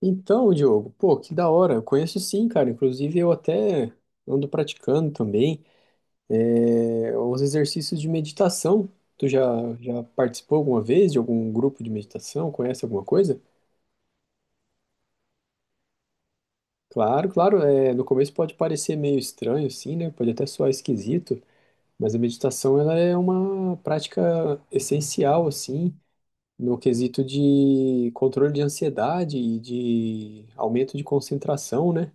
Então, Diogo, pô, que da hora. Eu conheço sim, cara. Inclusive, eu até ando praticando também os exercícios de meditação. Tu já participou alguma vez de algum grupo de meditação? Conhece alguma coisa? Claro, claro. No começo pode parecer meio estranho, assim, né? Pode até soar esquisito, mas a meditação ela é uma prática essencial, assim, no quesito de controle de ansiedade e de aumento de concentração, né?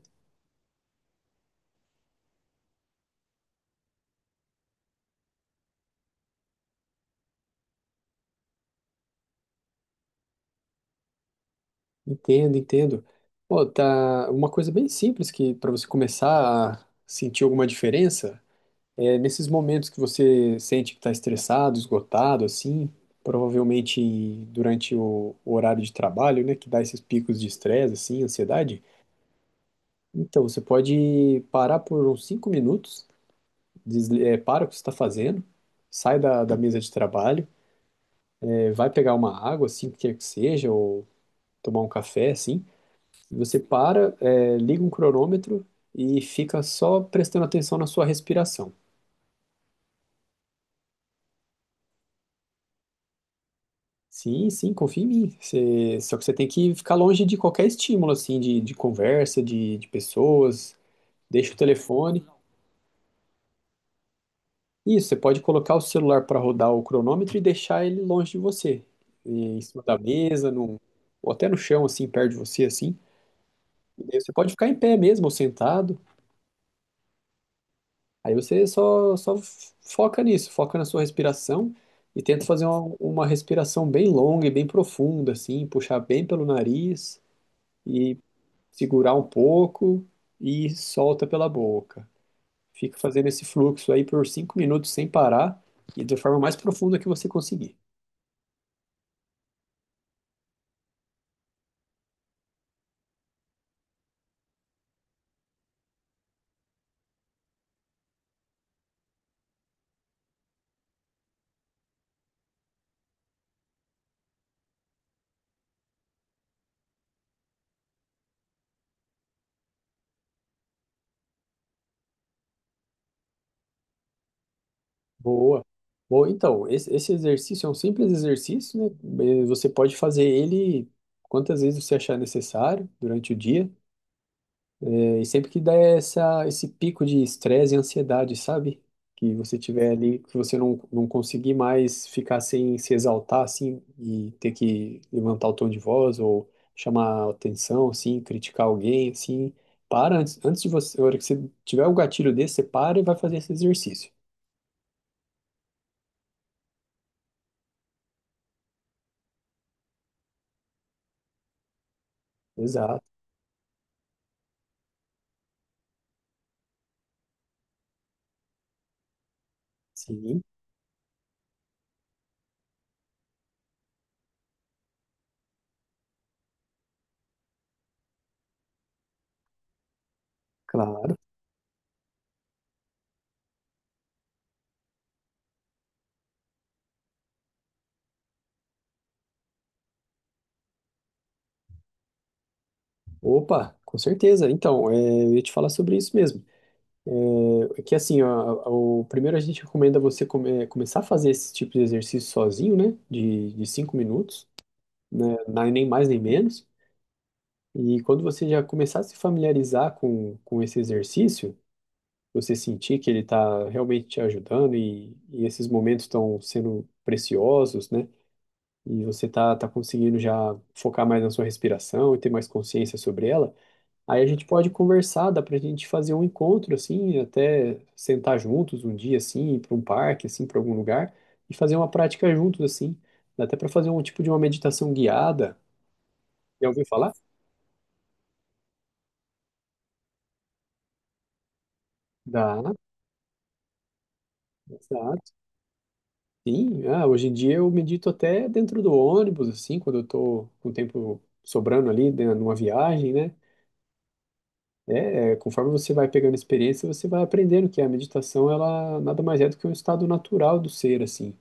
Entendo, entendo. Pô, tá uma coisa bem simples que para você começar a sentir alguma diferença é nesses momentos que você sente que está estressado, esgotado, assim, provavelmente durante o horário de trabalho, né, que dá esses picos de estresse, assim, ansiedade. Então, você pode parar por uns 5 minutos, para o que você está fazendo, sai da mesa de trabalho, vai pegar uma água, assim, o que quer que seja, ou tomar um café, assim. Você para, liga um cronômetro e fica só prestando atenção na sua respiração. Sim, sim, confia em mim. Só que você tem que ficar longe de qualquer estímulo, assim, de conversa, de pessoas. Deixa o telefone. Isso, você pode colocar o celular para rodar o cronômetro e deixar ele longe de você. E em cima da mesa, ou até no chão, assim, perto de você, assim. E daí você pode ficar em pé mesmo, ou sentado. Aí você só foca nisso, foca na sua respiração e tenta fazer uma respiração bem longa e bem profunda, assim, puxar bem pelo nariz e segurar um pouco e solta pela boca. Fica fazendo esse fluxo aí por 5 minutos sem parar e da forma mais profunda que você conseguir. Boa. Bom, então, esse exercício é um simples exercício, né? Você pode fazer ele quantas vezes você achar necessário durante o dia. E sempre que dá esse pico de estresse e ansiedade, sabe? Que você tiver ali, que você não conseguir mais ficar sem se exaltar, assim, e ter que levantar o tom de voz ou chamar atenção, assim, criticar alguém, assim. Para antes, antes de você, na hora que você tiver o gatilho desse, você para e vai fazer esse exercício. Exato. Sim, claro. Opa, com certeza. Então, eu ia te falar sobre isso mesmo. É que assim, ó, o primeiro a gente recomenda você começar a fazer esse tipo de exercício sozinho, né? De 5 minutos, né? Nem mais nem menos. E quando você já começar a se familiarizar com esse exercício, você sentir que ele está realmente te ajudando e esses momentos estão sendo preciosos, né? E você tá conseguindo já focar mais na sua respiração e ter mais consciência sobre ela. Aí a gente pode conversar, dá pra gente fazer um encontro, assim, até sentar juntos um dia, assim, ir pra um parque, assim, pra algum lugar, e fazer uma prática juntos, assim. Dá até pra fazer um tipo de uma meditação guiada. Já ouviu falar? Dá, exato. Sim, ah, hoje em dia eu medito até dentro do ônibus, assim, quando eu tô com o tempo sobrando ali, né, numa viagem, né? Conforme você vai pegando experiência, você vai aprendendo que a meditação, ela nada mais é do que um estado natural do ser, assim.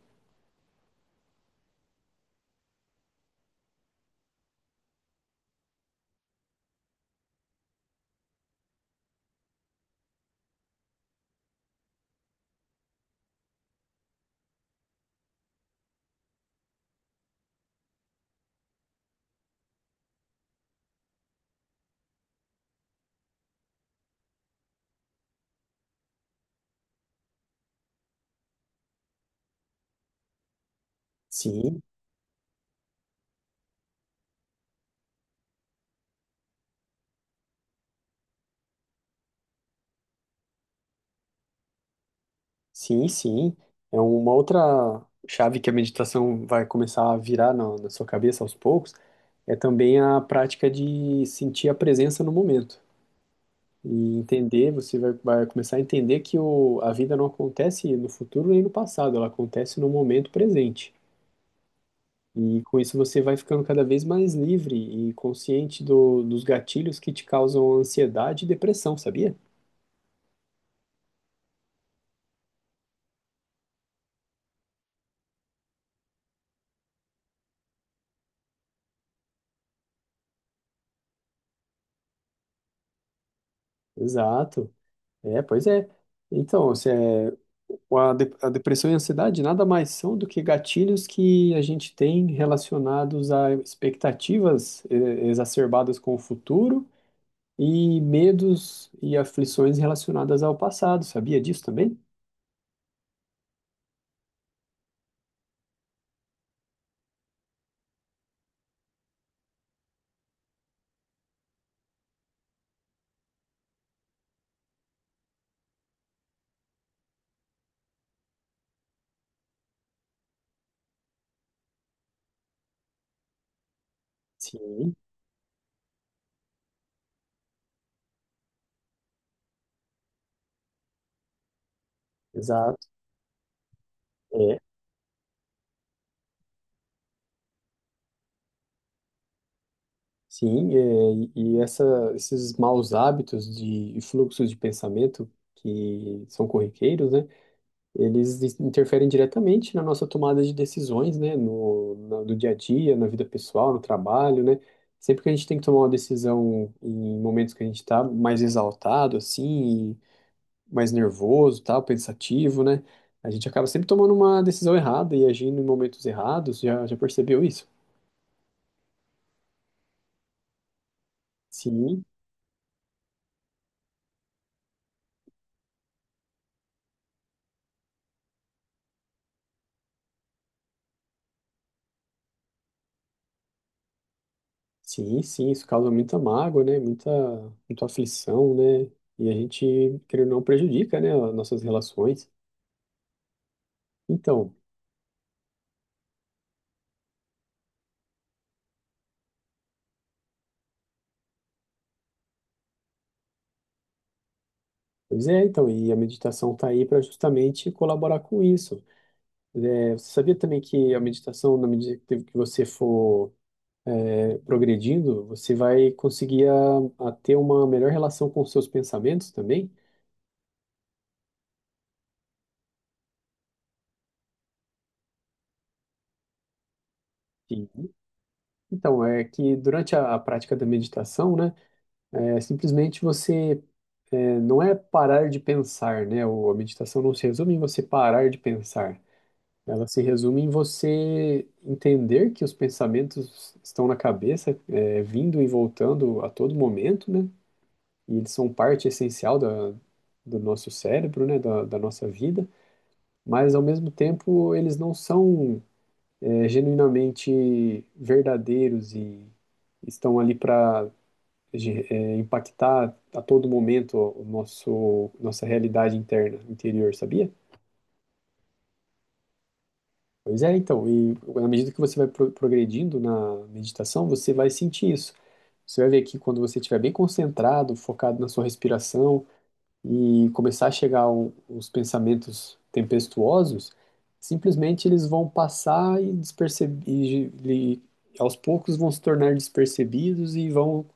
Sim, sim, sim. É uma outra chave que a meditação vai começar a virar na sua cabeça aos poucos, é também a prática de sentir a presença no momento. E entender, você vai começar a entender que a vida não acontece no futuro nem no passado, ela acontece no momento presente. E com isso você vai ficando cada vez mais livre e consciente dos gatilhos que te causam ansiedade e depressão, sabia? Exato. É, pois é. Então, se é, o- a, de- a depressão e a ansiedade nada mais são do que gatilhos que a gente tem relacionados a expectativas exacerbadas com o futuro e medos e aflições relacionadas ao passado. Sabia disso também? Sim, exato. É, sim, e esses maus hábitos de e fluxos de pensamento que são corriqueiros, né? Eles interferem diretamente na nossa tomada de decisões, né, no, na- do dia a dia, na vida pessoal, no trabalho, né? Sempre que a gente tem que tomar uma decisão em momentos que a gente está mais exaltado, assim, e mais nervoso, tal, pensativo, né? A gente acaba sempre tomando uma decisão errada e agindo em momentos errados. Já percebeu isso? Sim, sim, sim. Isso causa muita mágoa, né? Muita, muita aflição, né? E a gente, querendo ou não, prejudica, né, as nossas relações. Então, Pois é, então, e a meditação está aí para justamente colaborar com isso. É, você sabia também que a meditação, na medida que você for progredindo, você vai conseguir a ter uma melhor relação com os seus pensamentos também? Sim. Então, é que durante a prática da meditação, né, simplesmente você não é parar de pensar, né? A meditação não se resume em você parar de pensar. Ela se resume em você entender que os pensamentos estão na cabeça, vindo e voltando a todo momento, né? E eles são parte essencial do nosso cérebro, né? Da nossa vida, mas ao mesmo tempo eles não são, genuinamente verdadeiros e estão ali para impactar a todo momento nossa realidade interna, interior, sabia? Pois é, então, e na medida que você vai progredindo na meditação, você vai sentir isso. Você vai ver que quando você estiver bem concentrado, focado na sua respiração e começar a chegar os pensamentos tempestuosos, simplesmente eles vão passar e aos poucos vão se tornar despercebidos e vão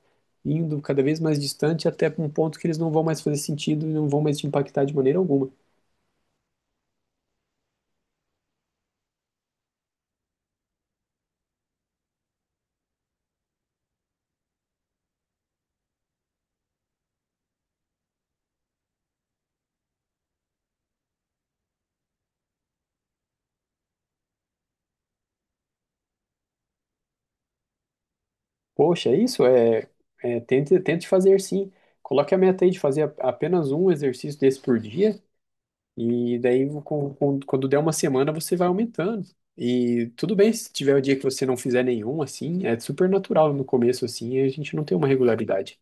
indo cada vez mais distante até um ponto que eles não vão mais fazer sentido e não vão mais te impactar de maneira alguma. Poxa, é isso. Tente, tente fazer sim. Coloque a meta aí de fazer apenas um exercício desse por dia, e daí quando der uma semana você vai aumentando. E tudo bem se tiver o dia que você não fizer nenhum, assim, é super natural no começo, assim, a gente não tem uma regularidade.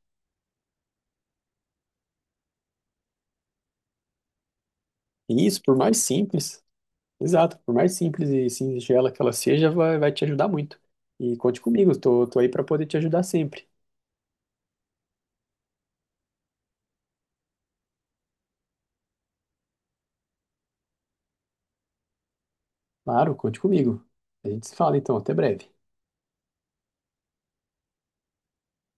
E isso, por mais simples, exato, por mais simples e singela que ela seja, vai te ajudar muito. E conte comigo, tô aí para poder te ajudar sempre. Claro, conte comigo. A gente se fala então, até breve.